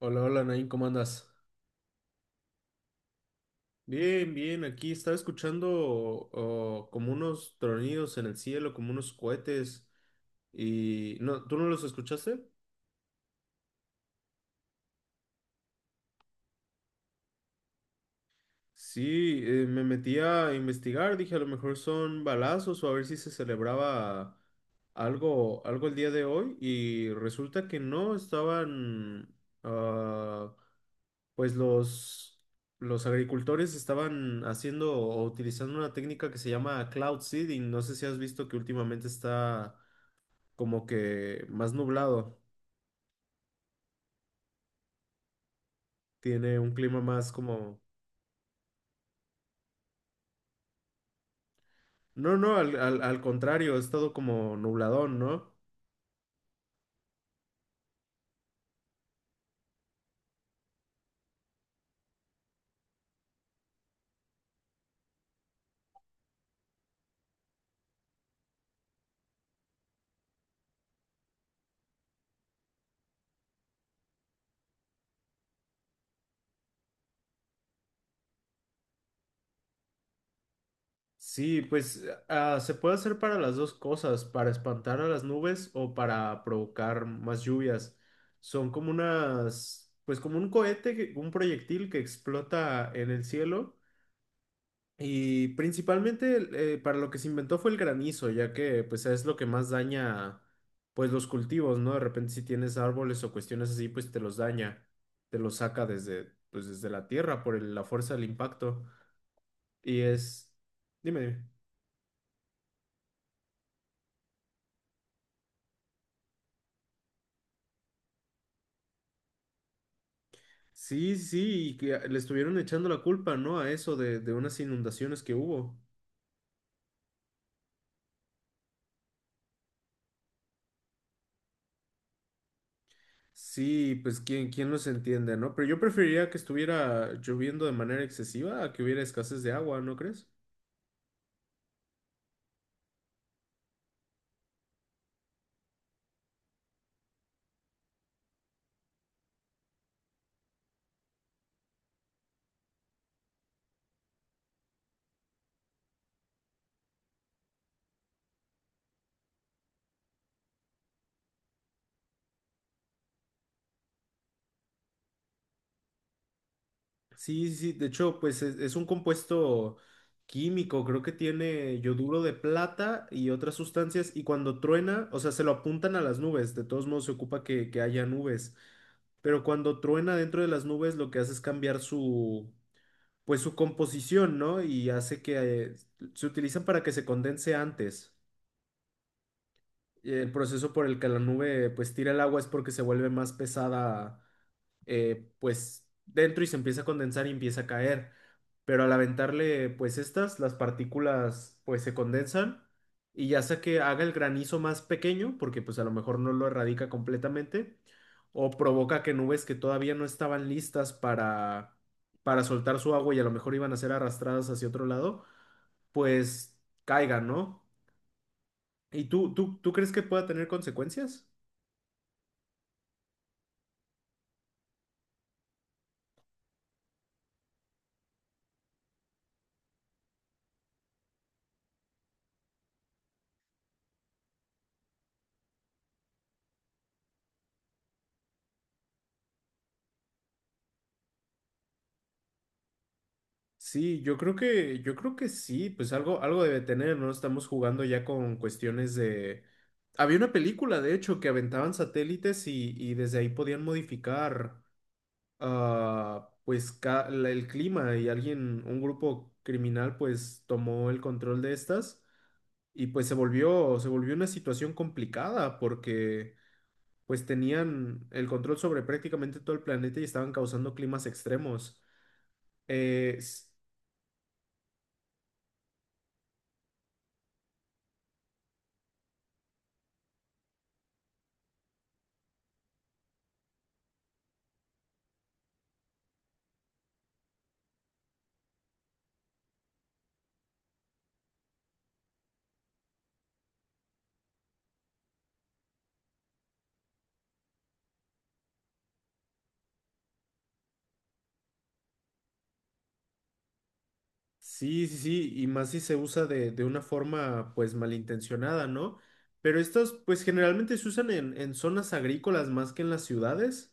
Hola, hola, Nain, ¿cómo andas? Bien, bien, aquí estaba escuchando oh, como unos tronidos en el cielo, como unos cohetes y... No, ¿tú no los escuchaste? Sí, me metí a investigar, dije a lo mejor son balazos o a ver si se celebraba algo, algo el día de hoy y resulta que no, estaban... ah, pues los agricultores estaban haciendo o utilizando una técnica que se llama cloud seeding. No sé si has visto que últimamente está como que más nublado, tiene un clima más como... No, no, al contrario, ha estado como nubladón, ¿no? Sí, pues ah, ah, se puede hacer para las dos cosas, para espantar a las nubes o para provocar más lluvias. Son como unas, pues como un cohete, un proyectil que explota en el cielo. Y principalmente para lo que se inventó fue el granizo, ya que pues es lo que más daña pues los cultivos, ¿no? De repente si tienes árboles o cuestiones así, pues te los daña, te los saca desde pues desde la tierra por la fuerza del impacto. Y es, dime, dime. Sí, sí, y que le estuvieron echando la culpa, ¿no? A eso de unas inundaciones que hubo. Sí, pues quién, quién los entiende, ¿no? Pero yo preferiría que estuviera lloviendo de manera excesiva a que hubiera escasez de agua, ¿no crees? Sí, sí, sí, de hecho, pues es un compuesto químico, creo que tiene yoduro de plata y otras sustancias, y cuando truena, o sea, se lo apuntan a las nubes, de todos modos se ocupa que haya nubes, pero cuando truena dentro de las nubes lo que hace es cambiar su, pues su composición, ¿no? Y hace que se utilizan para que se condense antes. El proceso por el que la nube pues tira el agua es porque se vuelve más pesada pues dentro y se empieza a condensar y empieza a caer. Pero al aventarle pues estas, las partículas pues se condensan y ya sea que haga el granizo más pequeño, porque pues a lo mejor no lo erradica completamente, o provoca que nubes que todavía no estaban listas para soltar su agua y a lo mejor iban a ser arrastradas hacia otro lado, pues caigan, ¿no? ¿Y tú crees que pueda tener consecuencias? Sí, yo creo que sí, pues algo, algo debe tener, ¿no? Estamos jugando ya con cuestiones de... Había una película, de hecho, que aventaban satélites y desde ahí podían modificar, ah, pues, el clima y alguien, un grupo criminal, pues, tomó el control de estas y pues se volvió una situación complicada porque, pues, tenían el control sobre prácticamente todo el planeta y estaban causando climas extremos. Sí, sí, sí, y más si se usa de una forma pues malintencionada, ¿no? Pero estas pues generalmente se usan en zonas agrícolas más que en las ciudades.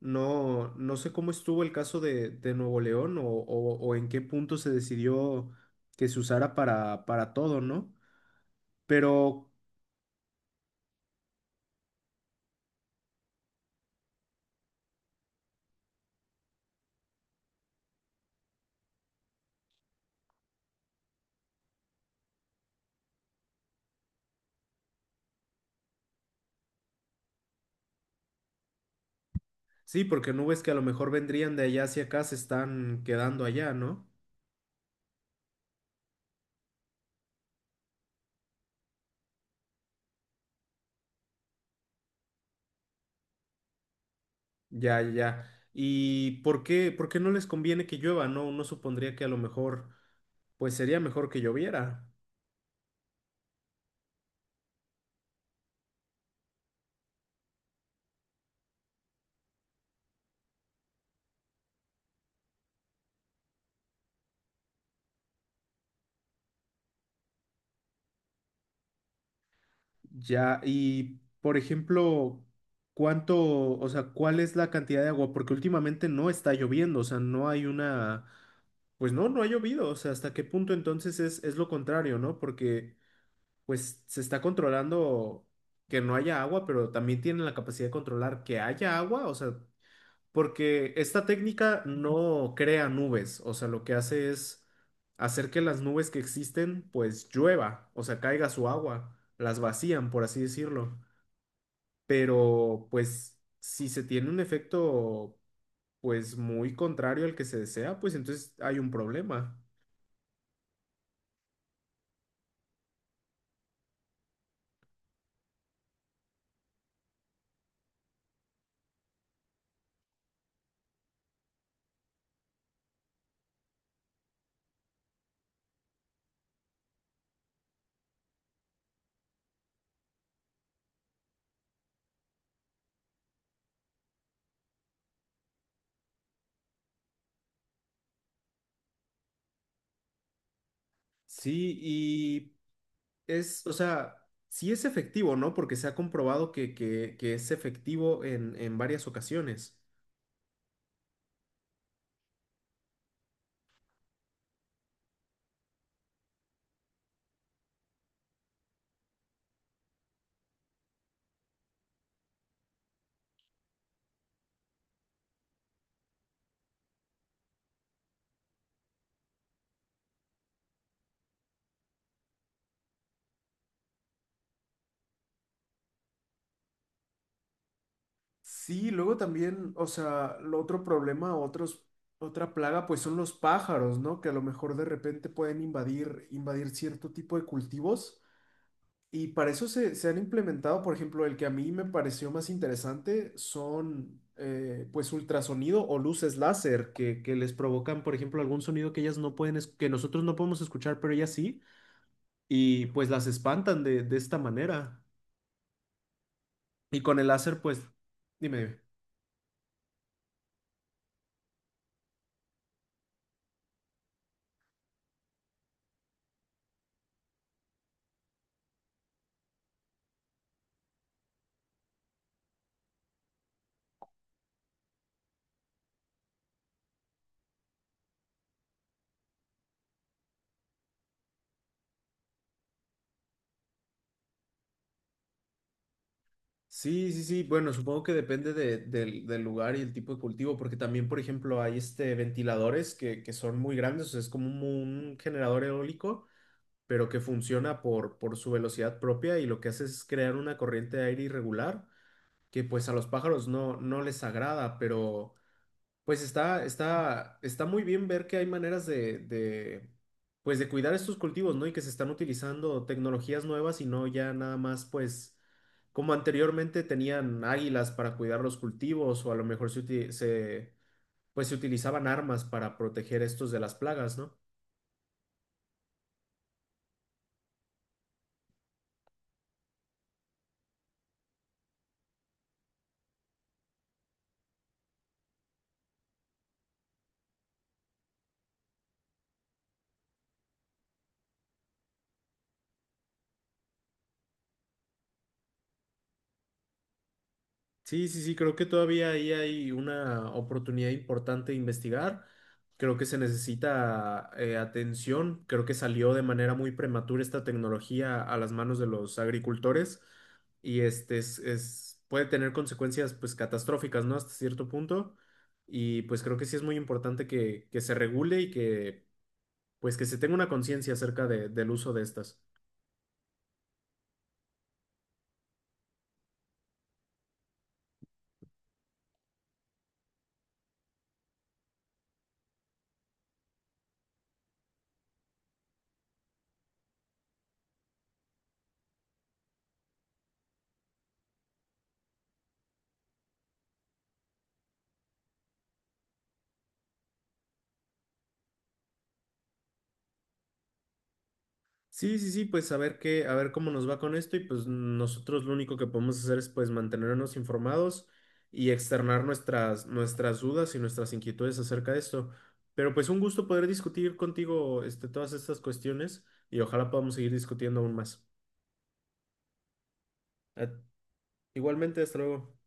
No, no sé cómo estuvo el caso de Nuevo León o en qué punto se decidió que se usara para todo, ¿no? Pero sí, porque nubes que a lo mejor vendrían de allá hacia acá se están quedando allá, ¿no? Ya, ya. ¿Y por qué no les conviene que llueva? No, uno supondría que a lo mejor pues sería mejor que lloviera. Ya, y por ejemplo, ¿cuánto, o sea, cuál es la cantidad de agua? Porque últimamente no está lloviendo, o sea, no hay una, pues no, no ha llovido, o sea, ¿hasta qué punto entonces es lo contrario, ¿no? Porque pues se está controlando que no haya agua, pero también tienen la capacidad de controlar que haya agua, o sea, porque esta técnica no crea nubes, o sea, lo que hace es hacer que las nubes que existen pues llueva, o sea, caiga su agua, las vacían, por así decirlo. Pero pues si se tiene un efecto pues muy contrario al que se desea, pues entonces hay un problema. Sí, y es, o sea, sí es efectivo, ¿no? Porque se ha comprobado que es efectivo en varias ocasiones. Sí, luego también, o sea, lo otro problema, otros, otra plaga, pues son los pájaros, ¿no? Que a lo mejor de repente pueden invadir, invadir cierto tipo de cultivos. Y para eso se han implementado, por ejemplo, el que a mí me pareció más interesante son, pues, ultrasonido o luces láser que les provocan, por ejemplo, algún sonido que ellas no pueden, que nosotros no podemos escuchar, pero ellas sí, y pues las espantan de esta manera. Y con el láser, pues, dime. Dime. Sí, sí, sí. Bueno, supongo que depende de- del lugar y el tipo de cultivo, porque también, por ejemplo, hay este ventiladores que son muy grandes, o sea, es como un generador eólico, pero que funciona por su velocidad propia y lo que hace es crear una corriente de aire irregular, que pues a los pájaros no, no les agrada, pero... Pues está, está, está muy bien ver que hay maneras pues de cuidar estos cultivos, ¿no? Y que se están utilizando tecnologías nuevas y no ya nada más, pues, como anteriormente tenían águilas para cuidar los cultivos o a lo mejor pues se utilizaban armas para proteger estos de las plagas, ¿no? Sí, sí, sí, creo que todavía ahí hay una oportunidad importante de investigar. Creo que se necesita atención. Creo que salió de manera muy prematura esta tecnología a las manos de los agricultores y este es, puede tener consecuencias pues catastróficas, ¿no? Hasta cierto punto. Y pues creo que sí es muy importante que se regule y que pues que se tenga una conciencia acerca de- del uso de estas. Sí, sí, sí, pues a ver qué, a ver cómo nos va con esto y pues nosotros lo único que podemos hacer es pues mantenernos informados y externar nuestras, nuestras dudas y nuestras inquietudes acerca de esto. Pero pues un gusto poder discutir contigo este, todas estas cuestiones y ojalá podamos seguir discutiendo aún más. Eh, Igualmente, hasta luego.